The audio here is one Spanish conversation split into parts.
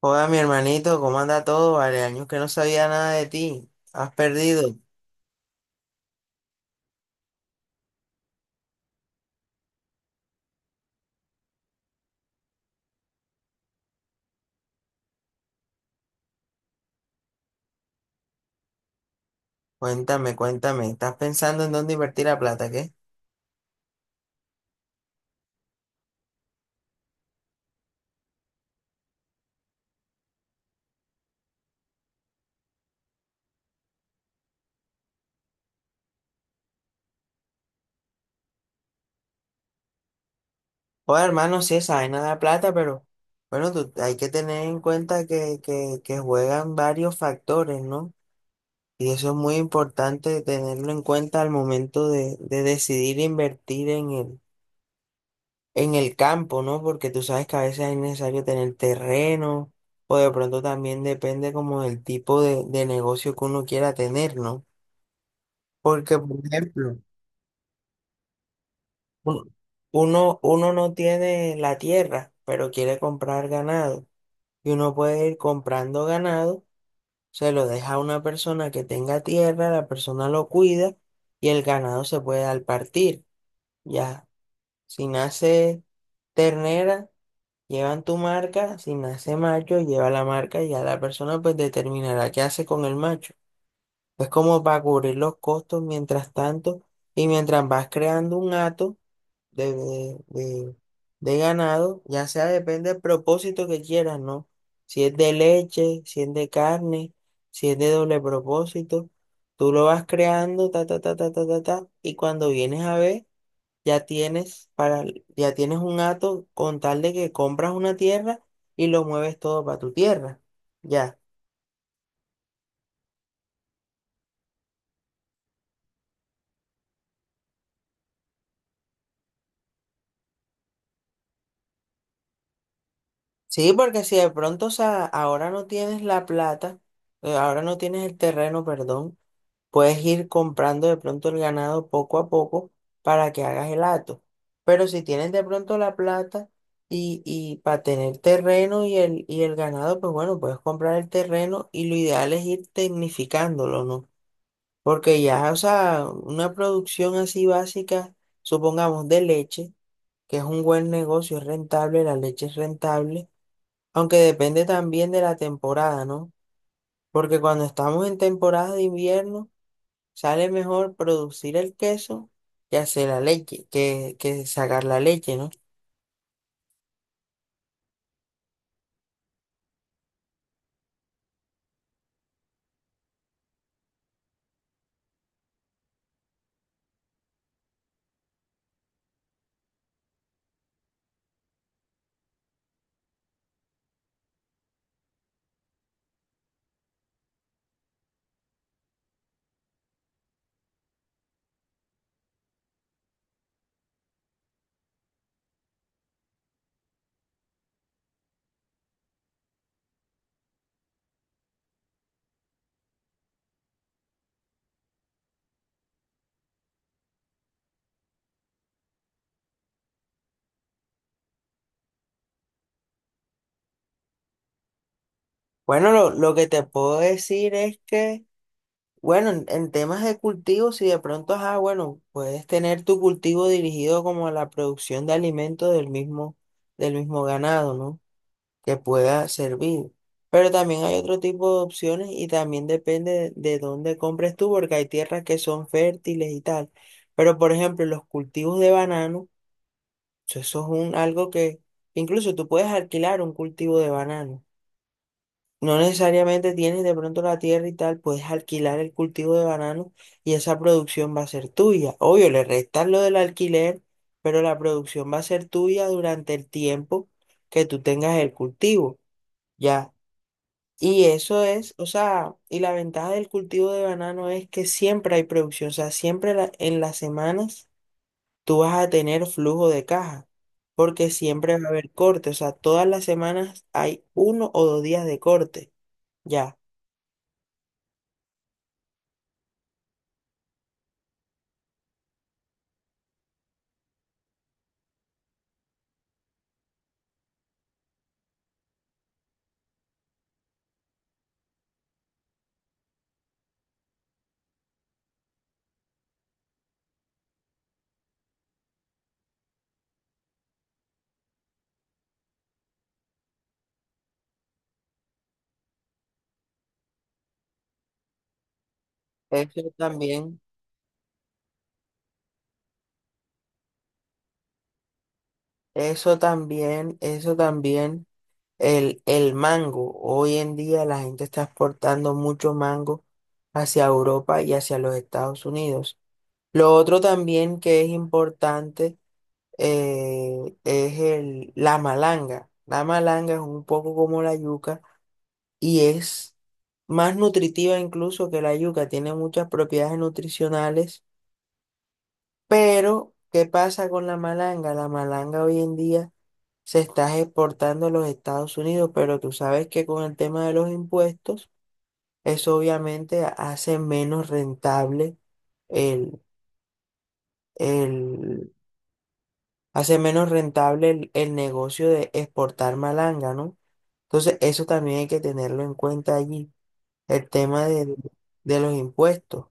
Joda, mi hermanito, ¿cómo anda todo? Vale, años que no sabía nada de ti. ¿Has perdido? Cuéntame, cuéntame. ¿Estás pensando en dónde invertir la plata, qué? Joda, hermano, sí, esa vaina da plata, pero bueno, tú, hay que tener en cuenta que juegan varios factores, ¿no? Y eso es muy importante tenerlo en cuenta al momento de decidir invertir en en el campo, ¿no? Porque tú sabes que a veces es necesario tener terreno o de pronto también depende como del tipo de negocio que uno quiera tener, ¿no? Porque, por ejemplo, un- uno no tiene la tierra, pero quiere comprar ganado y uno puede ir comprando ganado, se lo deja a una persona que tenga tierra, la persona lo cuida y el ganado se puede al partir, ya. Si nace ternera, llevan tu marca, si nace macho, lleva la marca y ya la persona pues determinará qué hace con el macho. Es como para cubrir los costos mientras tanto y mientras vas creando un hato de, de, de- de ganado, ya sea depende del propósito que quieras, ¿no? Si es de leche, si es de carne, si es de doble propósito, tú lo vas creando, ta, ta, ta, ta, ta, ta, ta, y cuando vienes a ver ya tienes para, ya tienes un hato con tal de que compras una tierra y lo mueves todo para tu tierra. Ya. Sí, porque si de pronto, o sea, ahora no tienes la plata, ahora no tienes el terreno, perdón, puedes ir comprando de pronto el ganado poco a poco para que hagas el hato. Pero si tienes de pronto la plata y para tener terreno y y el ganado, pues bueno, puedes comprar el terreno y lo ideal es ir tecnificándolo, ¿no? Porque ya, o sea, una producción así básica, supongamos de leche, que es un buen negocio, es rentable, la leche es rentable, aunque depende también de la temporada, ¿no? Porque cuando estamos en temporada de invierno, sale mejor producir el queso que hacer la leche, que sacar la leche, ¿no? Bueno, lo que te puedo decir es que bueno, en temas de cultivos si de pronto, ajá, bueno, puedes tener tu cultivo dirigido como a la producción de alimentos del mismo ganado, ¿no? Que pueda servir. Pero también hay otro tipo de opciones y también depende de dónde compres tú, porque hay tierras que son fértiles y tal. Pero, por ejemplo, los cultivos de banano, eso es un, algo que incluso tú puedes alquilar un cultivo de banano. No necesariamente tienes de pronto la tierra y tal, puedes alquilar el cultivo de banano y esa producción va a ser tuya. Obvio, le restas lo del alquiler, pero la producción va a ser tuya durante el tiempo que tú tengas el cultivo, ¿ya? Y eso es, o sea, y la ventaja del cultivo de banano es que siempre hay producción, o sea, siempre la- en las semanas tú vas a tener flujo de caja, porque siempre va a haber corte, o sea, todas las semanas hay uno o dos días de corte, ¿ya? Eso también, eso también, eso también. El mango. Hoy en día la gente está exportando mucho mango hacia Europa y hacia los Estados Unidos. Lo otro también que es importante es la malanga. La malanga es un poco como la yuca y es más nutritiva incluso que la yuca. Tiene muchas propiedades nutricionales, pero ¿qué pasa con la malanga? La malanga hoy en día se está exportando a los Estados Unidos, pero tú sabes que con el tema de los impuestos, eso obviamente hace menos rentable el, el, hace menos rentable el negocio de exportar malanga, ¿no? Entonces, eso también hay que tenerlo en cuenta allí, el tema de los impuestos.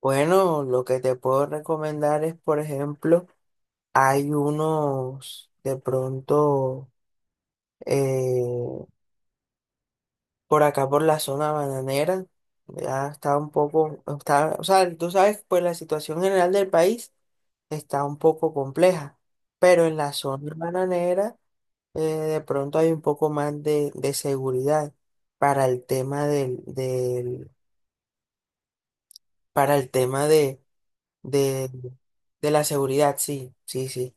Bueno, lo que te puedo recomendar es, por ejemplo, hay unos, de pronto, eh, por acá, por la zona bananera, ya está un poco, está, o sea, tú sabes, pues la situación general del país está un poco compleja, pero en la zona bananera de pronto hay un poco más de seguridad para el tema para el tema de, de la seguridad, sí, sí, sí,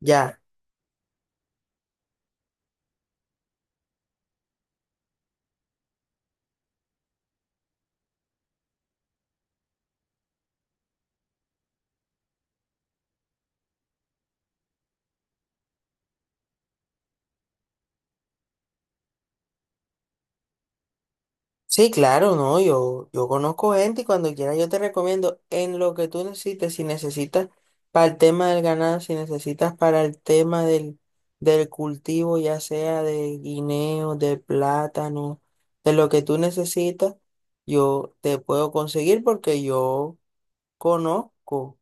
ya. Sí, claro, no, yo conozco gente y cuando quieras yo te recomiendo en lo que tú necesites, si necesitas para el tema del ganado, si necesitas para el tema del cultivo, ya sea de guineo, de plátano, de lo que tú necesitas, yo te puedo conseguir porque yo conozco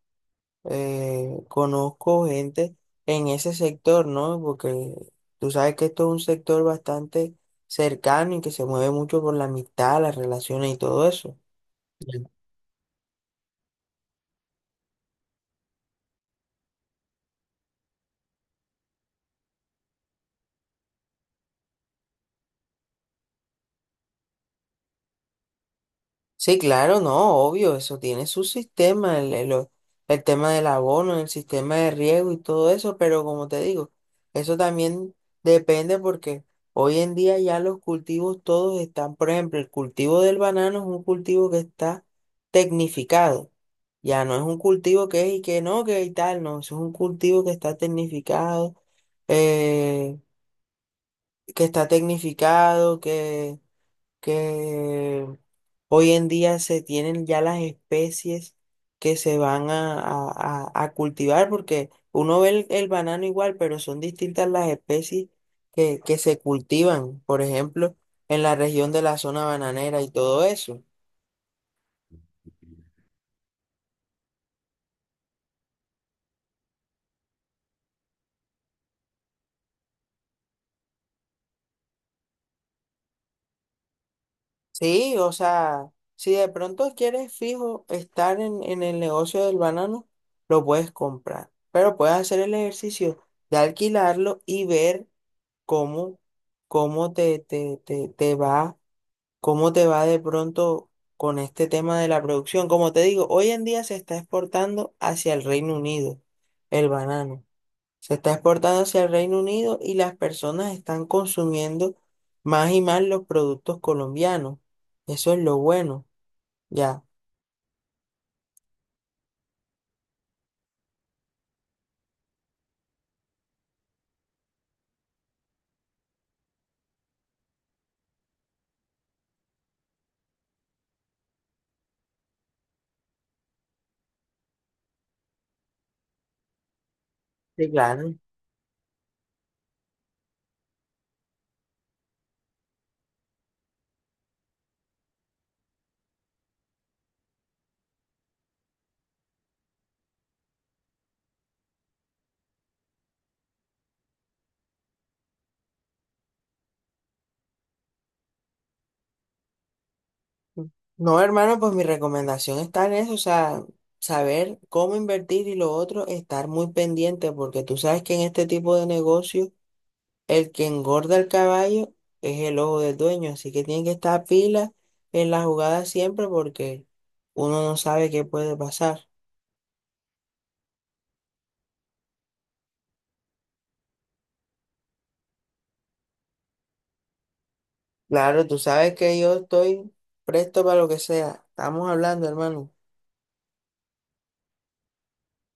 conozco gente en ese sector, ¿no? Porque tú sabes que esto es un sector bastante cercano y que se mueve mucho por la amistad, las relaciones y todo eso. Sí, claro, no, obvio, eso tiene su sistema, el tema del abono, el sistema de riego y todo eso, pero como te digo, eso también depende porque hoy en día ya los cultivos todos están, por ejemplo, el cultivo del banano es un cultivo que está tecnificado, ya no es un cultivo que es y que no, que y tal, no, eso es un cultivo que está tecnificado, eh, que está tecnificado, que hoy en día se tienen ya las especies que se van a cultivar, porque uno ve el banano igual, pero son distintas las especies que se cultivan, por ejemplo, en la región de la zona bananera y todo eso. Sí, o sea, si de pronto quieres fijo estar en el negocio del banano, lo puedes comprar, pero puedes hacer el ejercicio de alquilarlo y ver cómo, cómo te va, cómo te va de pronto con este tema de la producción. Como te digo, hoy en día se está exportando hacia el Reino Unido el banano. Se está exportando hacia el Reino Unido y las personas están consumiendo más y más los productos colombianos. Eso es lo bueno, ya. Sí, claro. No, hermano, pues mi recomendación está en eso, o sea, saber cómo invertir y lo otro, estar muy pendiente, porque tú sabes que en este tipo de negocio, el que engorda el caballo es el ojo del dueño, así que tiene que estar pila en la jugada siempre porque uno no sabe qué puede pasar. Claro, tú sabes que yo estoy presto para lo que sea. Estamos hablando, hermano.